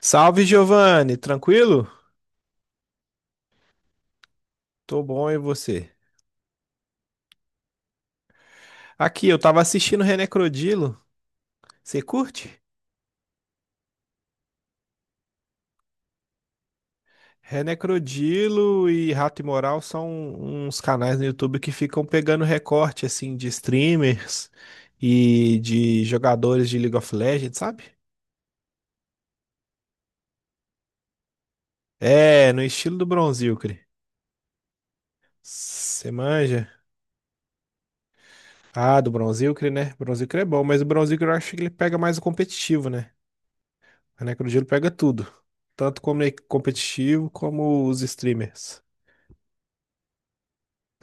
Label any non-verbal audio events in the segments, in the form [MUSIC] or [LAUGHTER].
Salve, Giovanni, tranquilo? Tô bom, e você? Aqui, eu tava assistindo René Crodilo. Você curte? René Crodilo e Rato Imoral são uns canais no YouTube que ficam pegando recorte, assim, de streamers e de jogadores de League of Legends, sabe? É, no estilo do Bronzilcre. Você manja? Ah, do Bronzilcre, né? Bronzilcre é bom, mas o Bronzilcre eu acho que ele pega mais o competitivo, né? A Necrogelo pega tudo. Tanto como é competitivo, como os streamers.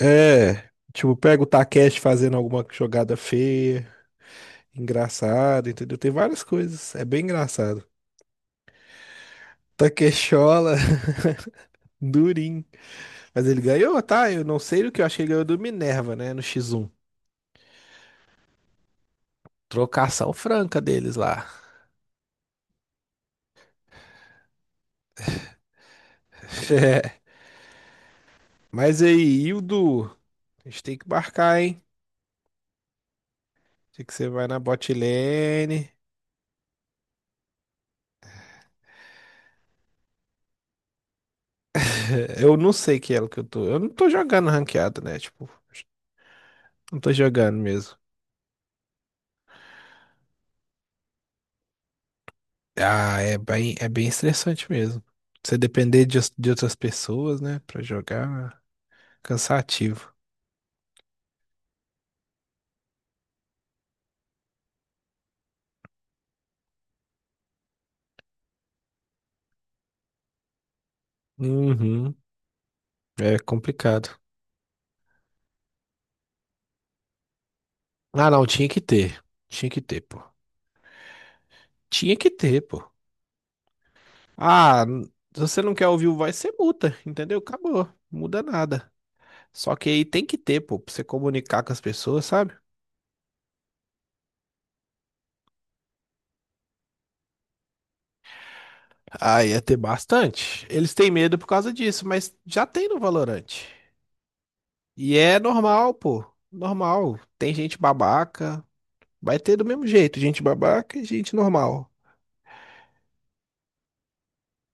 É, tipo, pega o Takeshi fazendo alguma jogada feia, engraçada, entendeu? Tem várias coisas. É bem engraçado. Takeshola, [LAUGHS] durinho. Mas ele ganhou, tá? Eu não sei o que eu achei que ele ganhou do Minerva, né? No X1. Trocação franca deles lá. [LAUGHS] É. Mas aí, Hildo, a gente tem que marcar, hein? Sei que você vai na bot lane. É, eu não sei que elo que eu tô. Eu não tô jogando ranqueado, né? Tipo, não tô jogando mesmo. Ah, é bem estressante mesmo. Você depender de outras pessoas, né? Pra jogar, cansativo. Uhum. É complicado. Ah, não, tinha que ter. Tinha que ter, pô. Tinha que ter, pô. Ah, n- se você não quer ouvir o voz, você muta, entendeu? Acabou. Não muda nada. Só que aí tem que ter, pô, pra você comunicar com as pessoas, sabe? Ah, ia ter bastante. Eles têm medo por causa disso, mas já tem no Valorante. E é normal, pô. Normal. Tem gente babaca. Vai ter do mesmo jeito, gente babaca e gente normal.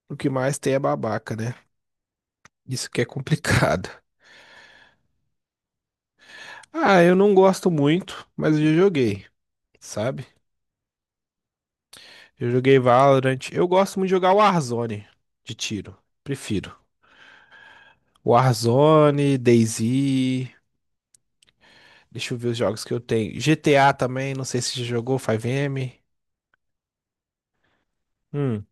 O que mais tem é babaca, né? Isso que é complicado. [LAUGHS] Ah, eu não gosto muito, mas eu já joguei, sabe? Eu joguei Valorant. Eu gosto muito de jogar Warzone de tiro. Prefiro. Warzone, DayZ. Deixa eu ver os jogos que eu tenho. GTA também, não sei se já jogou, 5M. Hum.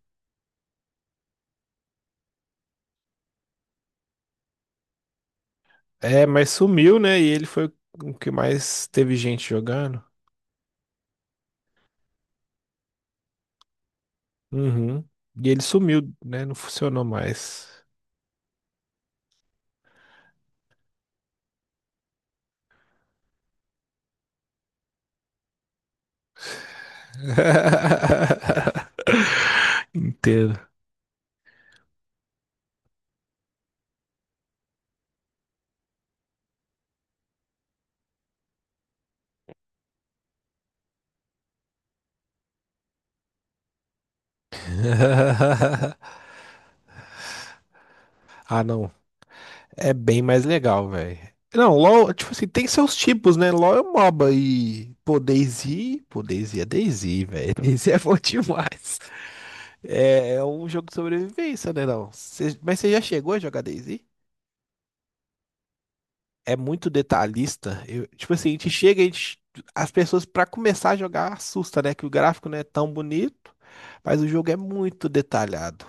É, mas sumiu, né? E ele foi o que mais teve gente jogando. Uhum. E ele sumiu, né? Não funcionou mais. [LAUGHS] Inteiro. [LAUGHS] Ah, não. É bem mais legal, velho. Não, LOL, tipo assim, tem seus tipos, né? LOL é um MOBA e. Pô, DayZ. Pô, DayZ é DayZ, velho. [LAUGHS] DayZ é bom demais. É, é um jogo de sobrevivência, né, não? Cê- mas você já chegou a jogar DayZ? É muito detalhista. Eu- tipo assim, a gente chega, a gente, as pessoas pra começar a jogar assusta, né? Que o gráfico não é tão bonito, mas o jogo é muito detalhado.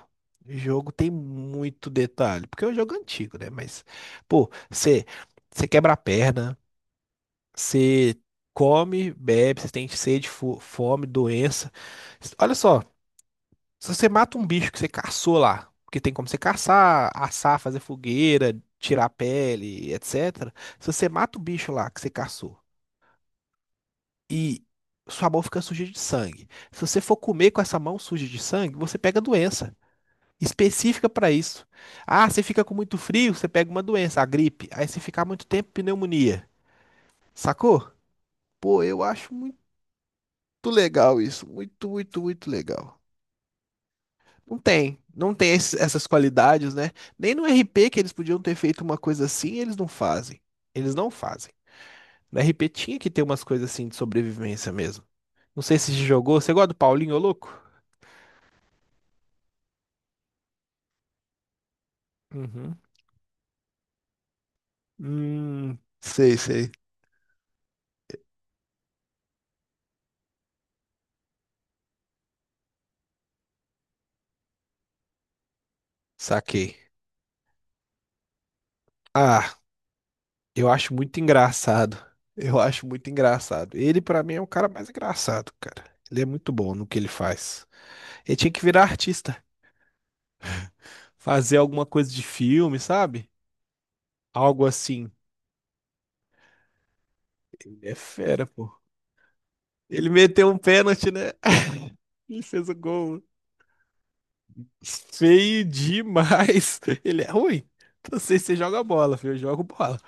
O jogo tem muito detalhe, porque é um jogo antigo, né? Mas, pô, você quebra a perna, você come, bebe, você tem sede, fo- fome, doença. Olha só. Se você mata um bicho que você caçou lá, porque tem como você caçar, assar, fazer fogueira, tirar a pele, etc. Se você mata o bicho lá que você caçou e sua mão fica suja de sangue, se você for comer com essa mão suja de sangue, você pega doença específica para isso. Ah, você fica com muito frio, você pega uma doença, a gripe. Aí se ficar muito tempo, pneumonia. Sacou? Pô, eu acho muito legal isso, muito, muito, muito legal. Não tem, não tem esse- essas qualidades, né? Nem no RP que eles podiam ter feito uma coisa assim, eles não fazem. Eles não fazem. No RP tinha que ter umas coisas assim de sobrevivência mesmo. Não sei se você jogou. Você gosta do Paulinho, ô louco? Uhum. Sei, sei. Saquei. Ah, eu acho muito engraçado. Eu acho muito engraçado. Ele, pra mim, é o cara mais engraçado, cara. Ele é muito bom no que ele faz. Ele tinha que virar artista. Fazer alguma coisa de filme, sabe? Algo assim. Ele é fera, pô. Ele meteu um pênalti, né? [LAUGHS] Ele fez o gol. Feio demais. Ele é ruim. Não sei se você joga bola, filho. Eu jogo bola.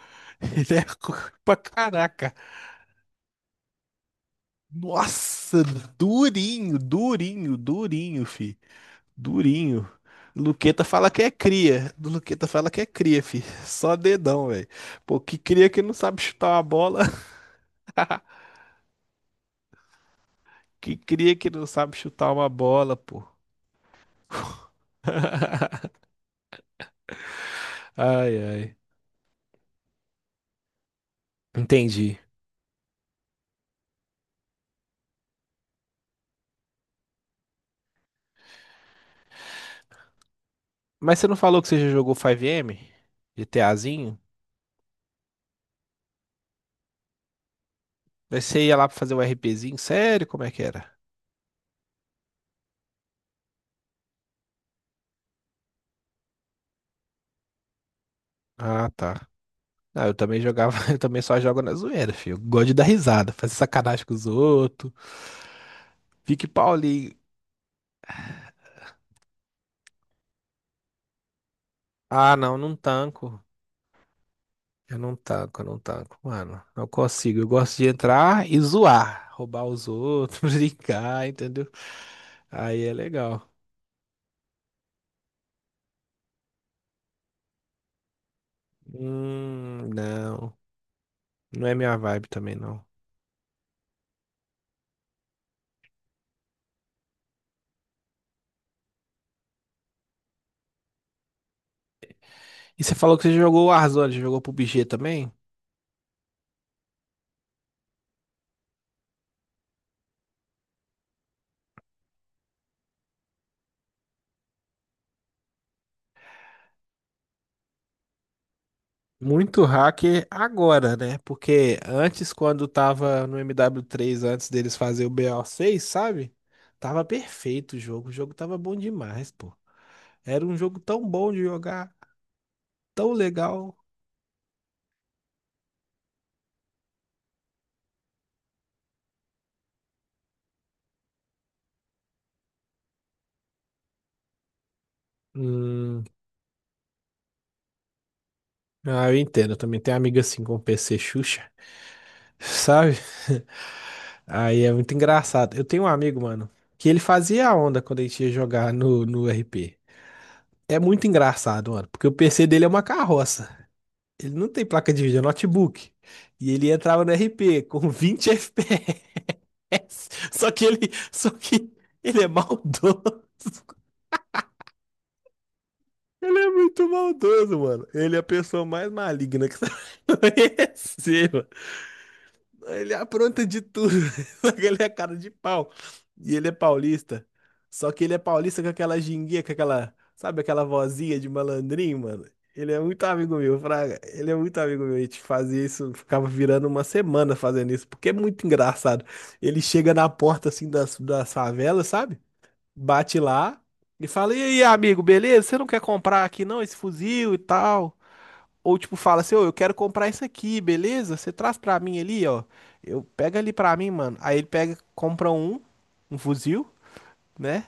Ele é ruim pra caraca. Nossa, durinho, durinho, durinho, fi. Durinho. Luqueta fala que é cria. Luqueta fala que é cria, fi. Só dedão, velho. Pô, que cria que não sabe chutar uma bola. [LAUGHS] Que cria que não sabe chutar uma bola, pô. [LAUGHS] Ai, ai. Entendi. Mas você não falou que você já jogou 5M? GTAzinho? Daí você ia lá pra fazer o RPzinho? Sério? Como é que era? Ah, tá. Ah, eu também jogava, [LAUGHS] eu também só jogo na zoeira, filho. Eu gosto de dar risada, fazer sacanagem com os outros. Fique Paulinho. Ah, não, não tanco. Eu não tanco, mano. Não consigo. Eu gosto de entrar e zoar, roubar os outros, [LAUGHS] brincar, entendeu? Aí é legal. Não. Não é minha vibe também, não. E você falou que você jogou Warzone, jogou PUBG também? Muito hacker agora, né? Porque antes, quando tava no MW3, antes deles fazer o BO6, sabe? Tava perfeito o jogo tava bom demais, pô. Era um jogo tão bom de jogar, tão legal. Hum, ah, eu entendo, eu também tenho amiga assim com PC Xuxa, sabe? [LAUGHS] Aí é muito engraçado. Eu tenho um amigo, mano, que ele fazia a onda quando a gente ia jogar no RP. É muito engraçado, mano, porque o PC dele é uma carroça. Ele não tem placa de vídeo, é notebook. E ele entrava no RP com [LAUGHS] 20 FPS. Só que ele, só que ele é maldoso. Ele é muito maldoso, mano. Ele é a pessoa mais maligna que você [LAUGHS] vai conhecer. Ele apronta de tudo. [LAUGHS] Só que ele é cara de pau. E ele é paulista. Só que ele é paulista com aquela ginguinha, com aquela, sabe, aquela vozinha de malandrinho, mano. Ele é muito amigo meu, Fraga. Ele é muito amigo meu. A gente fazia isso, ficava virando uma semana fazendo isso, porque é muito engraçado. Ele chega na porta assim das favelas, sabe? Bate lá e fala: E aí, amigo, beleza? Você não quer comprar aqui não esse fuzil e tal? Ou tipo, fala assim, ô, eu quero comprar isso aqui, beleza? Você traz pra mim ali, ó. Eu pega ali pra mim, mano. Aí ele pega, compra um fuzil, né?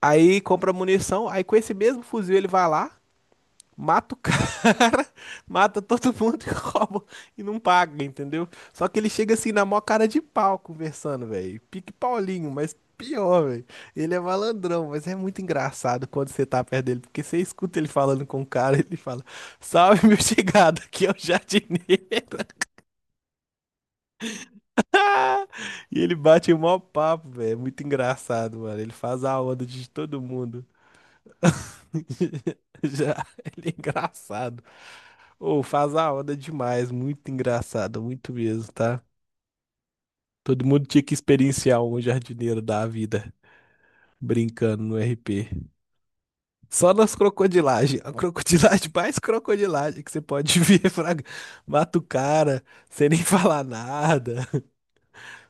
Aí compra munição. Aí com esse mesmo fuzil ele vai lá, mata o cara, [LAUGHS] mata todo mundo e [LAUGHS] rouba e não paga, entendeu? Só que ele chega assim na maior cara de pau conversando, velho. Pique Paulinho, mas pior, velho. Ele é malandrão, mas é muito engraçado quando você tá perto dele, porque você escuta ele falando com o cara, ele fala: "Salve, meu chegado, aqui é o jardineiro". [LAUGHS] E ele bate o maior papo, velho. É muito engraçado, mano. Ele faz a onda de todo mundo. [LAUGHS] Já, ele é engraçado. Ou faz a hora demais, muito engraçado, muito mesmo, tá? Todo mundo tinha que experienciar um jardineiro da vida brincando no RP. Só nas crocodilagens. A crocodilagem mais crocodilagem que você pode [LAUGHS] ver, fraga. Mata o cara sem nem falar nada.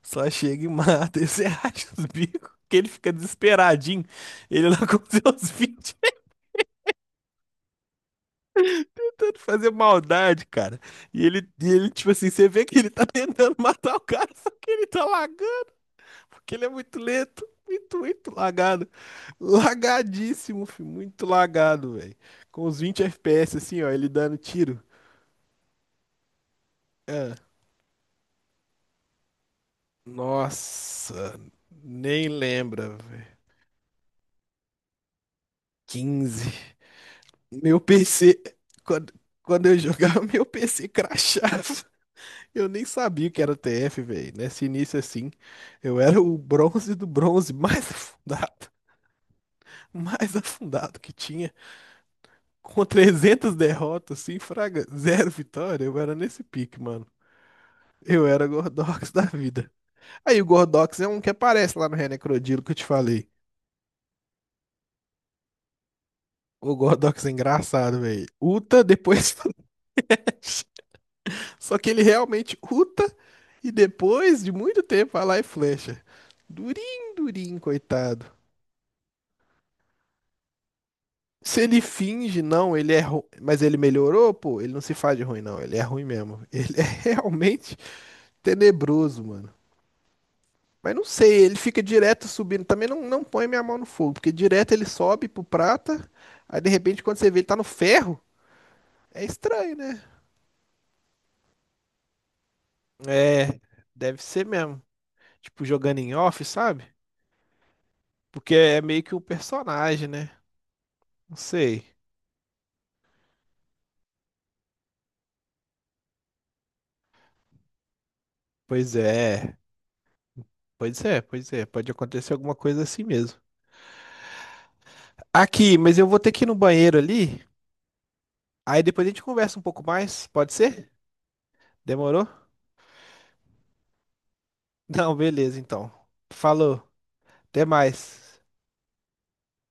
Só chega e mata. E você [LAUGHS] acha os bicos que ele fica desesperadinho. Ele lá com seus 20 tentando fazer maldade, cara. E ele, tipo assim, você vê que ele tá [LAUGHS] tentando matar o cara, só que ele tá lagando, porque ele é muito lento. Muito, muito lagado. Lagadíssimo, filho. Muito lagado, velho. Com os 20 FPS, assim, ó, ele dando tiro. É. Nossa, nem lembra, velho. 15. Meu PC. Quando, quando eu jogava, [LAUGHS] meu PC crashava. Eu nem sabia o que era TF, velho. Nesse início assim, eu era o bronze do bronze mais [LAUGHS] afundado, mais afundado que tinha, com 300 derrotas, assim, fraga, zero vitória. Eu era nesse pique, mano. Eu era Gordox [LAUGHS] da vida. Aí o Gordox é um que aparece lá no Renecrodilo que eu te falei. O Gordox é engraçado, velho. Uta, depois. [LAUGHS] Só que ele realmente uta e depois de muito tempo vai lá e flecha. Durinho, durinho, coitado. Se ele finge, não, ele é ruim. Mas ele melhorou, pô. Ele não se faz de ruim, não. Ele é ruim mesmo. Ele é [LAUGHS] realmente tenebroso, mano. Mas não sei, ele fica direto subindo. Também não, não põe minha mão no fogo, porque direto ele sobe pro prata. Aí de repente, quando você vê, ele tá no ferro. É estranho, né? É, deve ser mesmo. Tipo, jogando em off, sabe? Porque é meio que o personagem, né? Não sei. Pois é. Pois é, pois é. Pode acontecer alguma coisa assim mesmo. Aqui, mas eu vou ter que ir no banheiro ali. Aí depois a gente conversa um pouco mais, pode ser? Demorou? [LAUGHS] Não, beleza, então. Falou, até mais.